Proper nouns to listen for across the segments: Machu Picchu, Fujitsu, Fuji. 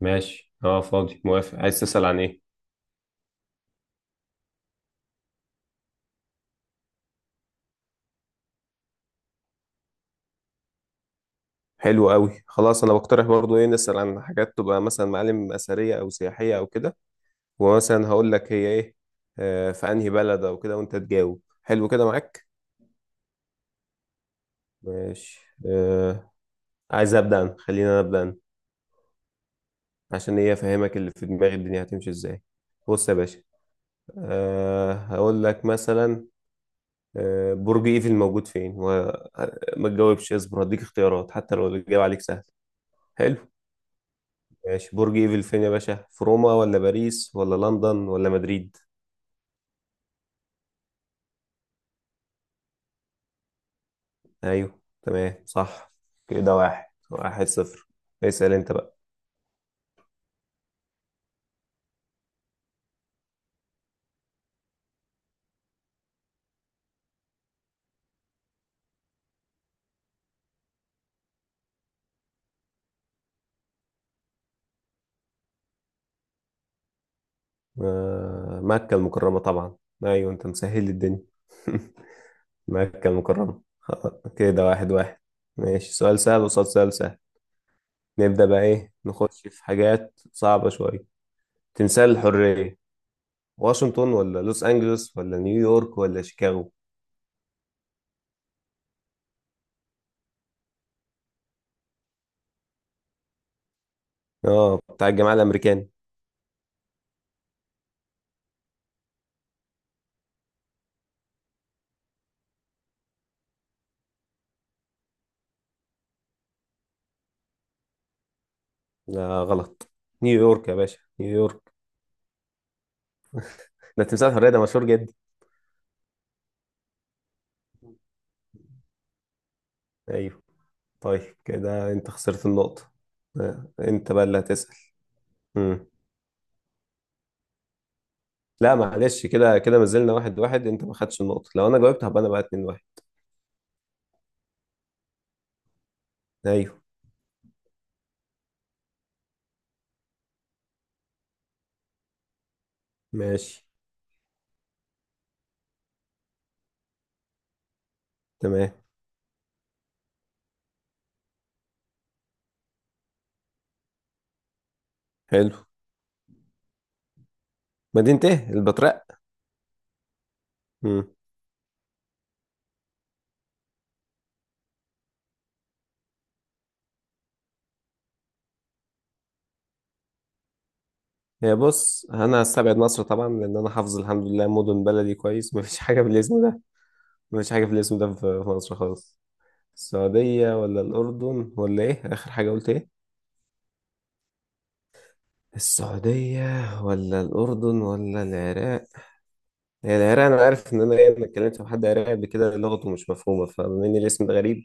ماشي اه فاضي موافق عايز تسأل عن ايه؟ حلو قوي. خلاص انا بقترح برضو ايه، نسأل عن حاجات تبقى مثلا معالم اثرية او سياحية او كده. ومثلا هقول لك هي ايه، في انهي بلد او كده وانت تجاوب. حلو كده معاك. ماشي. آه. عايز ابدا أنا. خلينا أنا ابدا أنا. عشان ايه؟ افهمك اللي في دماغي الدنيا هتمشي ازاي. بص يا باشا، هقول لك مثلا. برج ايفل موجود فين؟ وما تجاوبش، اصبر هديك اختيارات حتى لو الاجابة عليك سهل. حلو. ماشي، برج ايفل فين يا باشا؟ في روما ولا باريس ولا لندن ولا مدريد؟ ايوه تمام صح. كده واحد واحد صفر. اسأل انت بقى. مكة المكرمة طبعا. ايوه انت مسهل لي الدنيا. مكة المكرمة. كده واحد واحد. ماشي سؤال سهل سؤال سهل. نبدأ بقى ايه، نخش في حاجات صعبة شوية. تمثال الحرية، واشنطن ولا لوس أنجلوس ولا نيويورك ولا شيكاغو؟ اه بتاع الجامعة الأمريكية. لا غلط. نيويورك يا باشا، نيويورك. ده تمثال الحرية ده مشهور جدا. ايوه. طيب كده انت خسرت النقطة. انت بقى اللي هتسأل. مم. لا معلش، كده كده ما زلنا واحد واحد. انت ما خدتش النقطة. لو انا جاوبت هبقى انا بقى اتنين واحد. ايوه. ماشي. تمام. حلو. مدينة ايه، البتراء؟ مم. هي بص، انا هستبعد مصر طبعا لان انا حافظ الحمد لله مدن بلدي كويس، ما فيش حاجة بالاسم ده. ما فيش حاجة في الاسم ده في مصر خالص. السعودية ولا الأردن ولا ايه آخر حاجة قلت ايه؟ السعودية ولا الأردن ولا العراق. هي العراق أنا عارف إن أنا إيه، أنا اتكلمت مع حد عراقي قبل كده لغته مش مفهومة، فبما إن الاسم ده غريب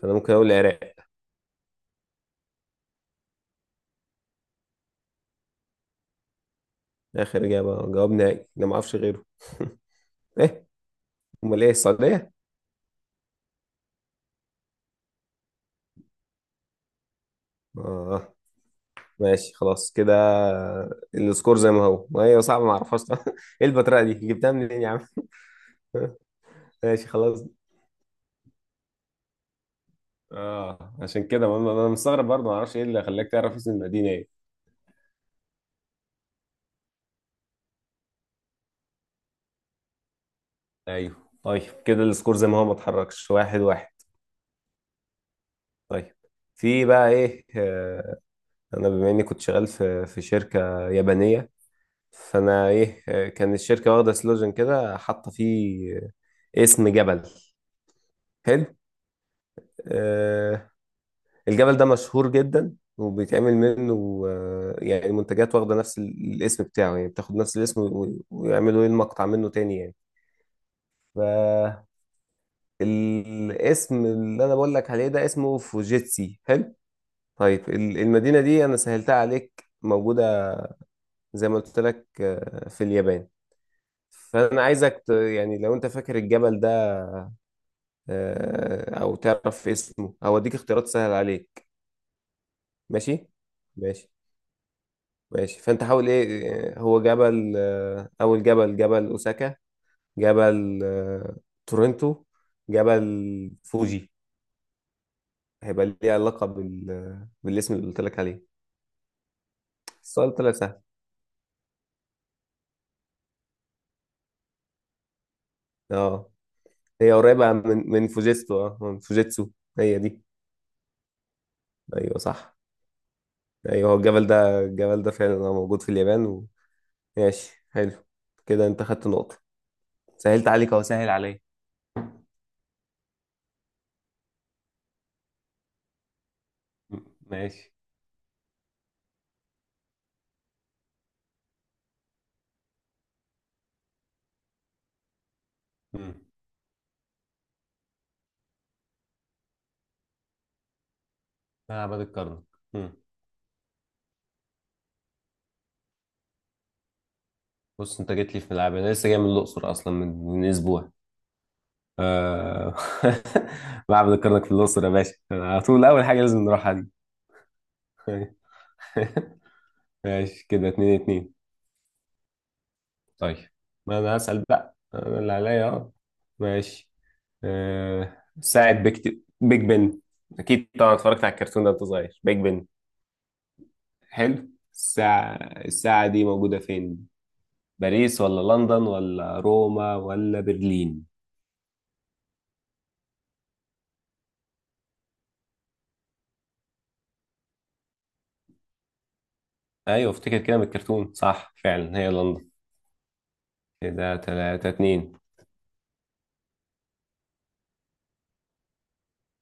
فأنا ممكن أقول العراق. آخر إجابة، جواب نهائي، أنا معرفش غيره. إيه؟ أمال إيه، السعودية؟ آه. ماشي خلاص كده، السكور زي ما هو. ما هي صعبة، معرفهاش. إيه البطريقة دي جبتها منين يا عم؟ ماشي خلاص. آه عشان كده أنا مستغرب برضه، معرفش إيه اللي خلاك تعرف اسم المدينة إيه. أيوه. طيب كده السكور زي ما هو، ما اتحركش، واحد واحد. طيب في بقى ايه، انا بما اني كنت شغال في شركه يابانيه، فانا ايه، كان الشركه واخده سلوجن كده حاطه فيه، اسم جبل. حلو. آه، الجبل ده مشهور جدا وبيتعمل منه، يعني المنتجات واخده نفس الاسم بتاعه، يعني بتاخد نفس الاسم ويعملوا ايه المقطع منه تاني يعني. فالاسم اللي انا بقول لك عليه ده اسمه فوجيتسي. حلو. طيب المدينه دي انا سهلتها عليك، موجودة زي ما قلت لك، في اليابان. فانا عايزك يعني لو انت فاكر الجبل ده، او تعرف اسمه او اديك اختيارات سهل عليك. ماشي. ماشي. ماشي فانت حاول ايه. هو جبل، اول جبل، جبل اوساكا. جبل، تورنتو. جبل فوجي، هيبقى ليه علاقة بال... بالاسم اللي قلت لك عليه. السؤال طلع سهل. اه هي قريبة من فوجيتسو، اه من فوجيتسو، هي دي. ايوه صح. ايوه هو الجبل ده، الجبل ده فعلا هو موجود في اليابان و... ماشي حلو. كده انت خدت نقطة. سهلت عليك اهو، سهل عليا. ماشي. مم. معبد الكرنك. مم. بص انت جيت لي في ملعب، انا لسه جاي من الاقصر اصلا، من، من اسبوع. آه... معبد الكرنك في الاقصر يا باشا، على طول اول حاجه لازم نروحها دي. ماشي كده اتنين اتنين. طيب ما انا هسأل بقى، انا اللي عليا اه. ماشي. ساعة بيك، بيج بن. أكيد طبعا اتفرجت على الكرتون ده وأنت صغير، بيج بن. حلو. الساعة، الساعة دي موجودة فين؟ باريس ولا لندن ولا روما ولا برلين؟ أيوة افتكر كده من الكرتون، صح فعلا هي لندن. كده تلاتة اتنين.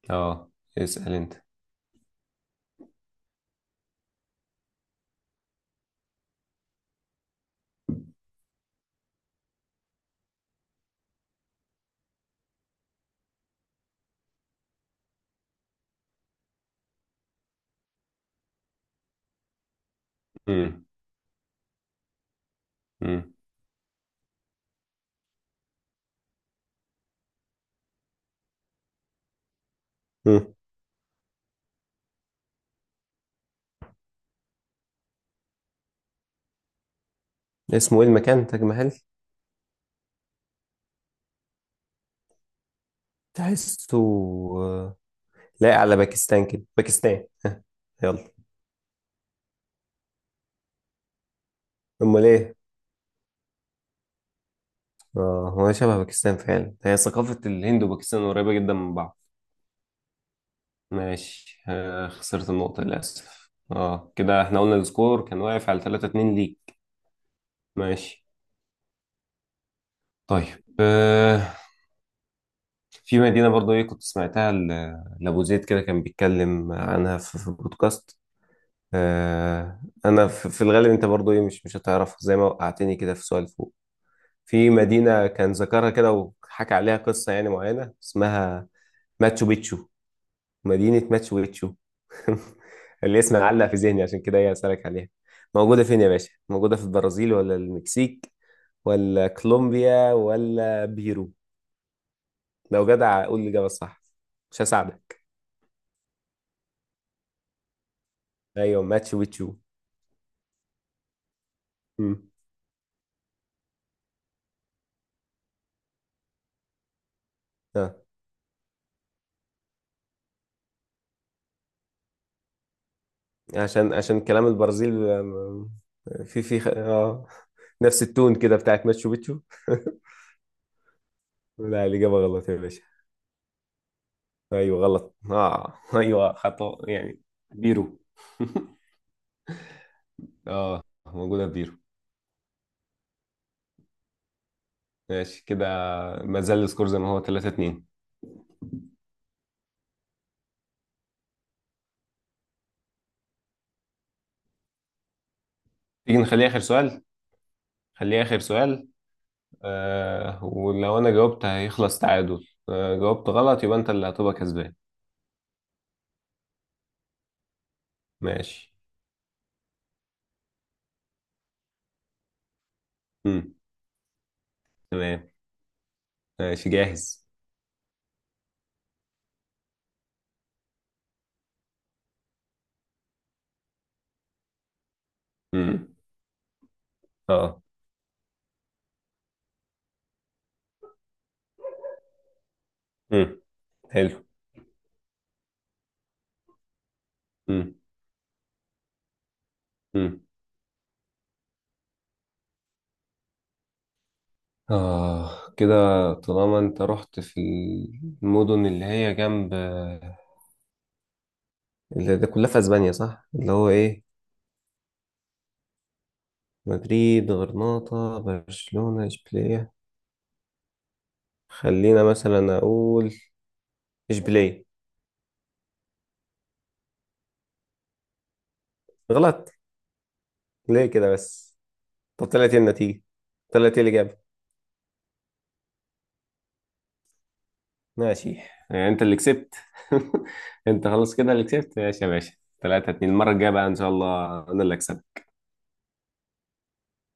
اه. اسأل أنت. مم. مم. مم. اسمه ايه المكان، تاج محل؟ تحسه، آه، لايق على باكستان كده، باكستان. يلا. امال ايه؟ اه هو شبه باكستان فعلا، هي ثقافة الهند وباكستان قريبة جدا من بعض. ماشي. آه خسرت النقطة للأسف. اه كده احنا قلنا السكور كان واقف على 3-2 ليك. ماشي. طيب في مدينة برضو ايه، كنت سمعتها لأبو زيد كده كان بيتكلم عنها في، في بودكاست. آه انا في، في الغالب انت برضو ايه، مش هتعرف زي ما وقعتني كده في سؤال فوق. في مدينة كان ذكرها كده، وحكى عليها قصة يعني معينة، اسمها ماتشو بيتشو. مدينة ماتشو بيتشو. اللي اسمها علق في ذهني، عشان كده هي أسألك عليها. موجودة فين يا باشا؟ موجودة في البرازيل ولا المكسيك ولا كولومبيا ولا بيرو؟ لو جدع قول لي الإجابة الصح. مش هساعدك. أيوه ماتشو بيتشو. مم. آه. عشان عشان كلام البرازيل، آم، في في اه، نفس التون كده بتاعت ماتشو بيتشو. لا الإجابة غلط يا باشا. أيوه غلط، آه أيوه خطأ يعني. بيرو. اه موجودة في بيرو. ماشي كده، ما زال السكور زي ما هو، 3-2. تيجي نخليه آخر سؤال، خليه آخر سؤال. آه ولو أنا جاوبت هيخلص تعادل، آه جاوبت غلط يبقى أنت اللي هتبقى كسبان. ماشي. مم. تمام. ماشي جاهز. مم. اه. مم. حلو. مم. مم. اه كده، طالما انت رحت في المدن اللي هي جنب، اللي ده كلها في اسبانيا صح، اللي هو ايه، مدريد غرناطة برشلونة اشبيلية. خلينا مثلا اقول اشبيليه. غلط. ليه كده بس؟ طب طلعت ايه النتيجه؟ طلعت ايه الاجابه؟ ماشي. يعني انت اللي كسبت. انت خلاص كده اللي كسبت، ماشي يا باشا. 3-2. المره الجايه بقى ان شاء الله انا اللي اكسب.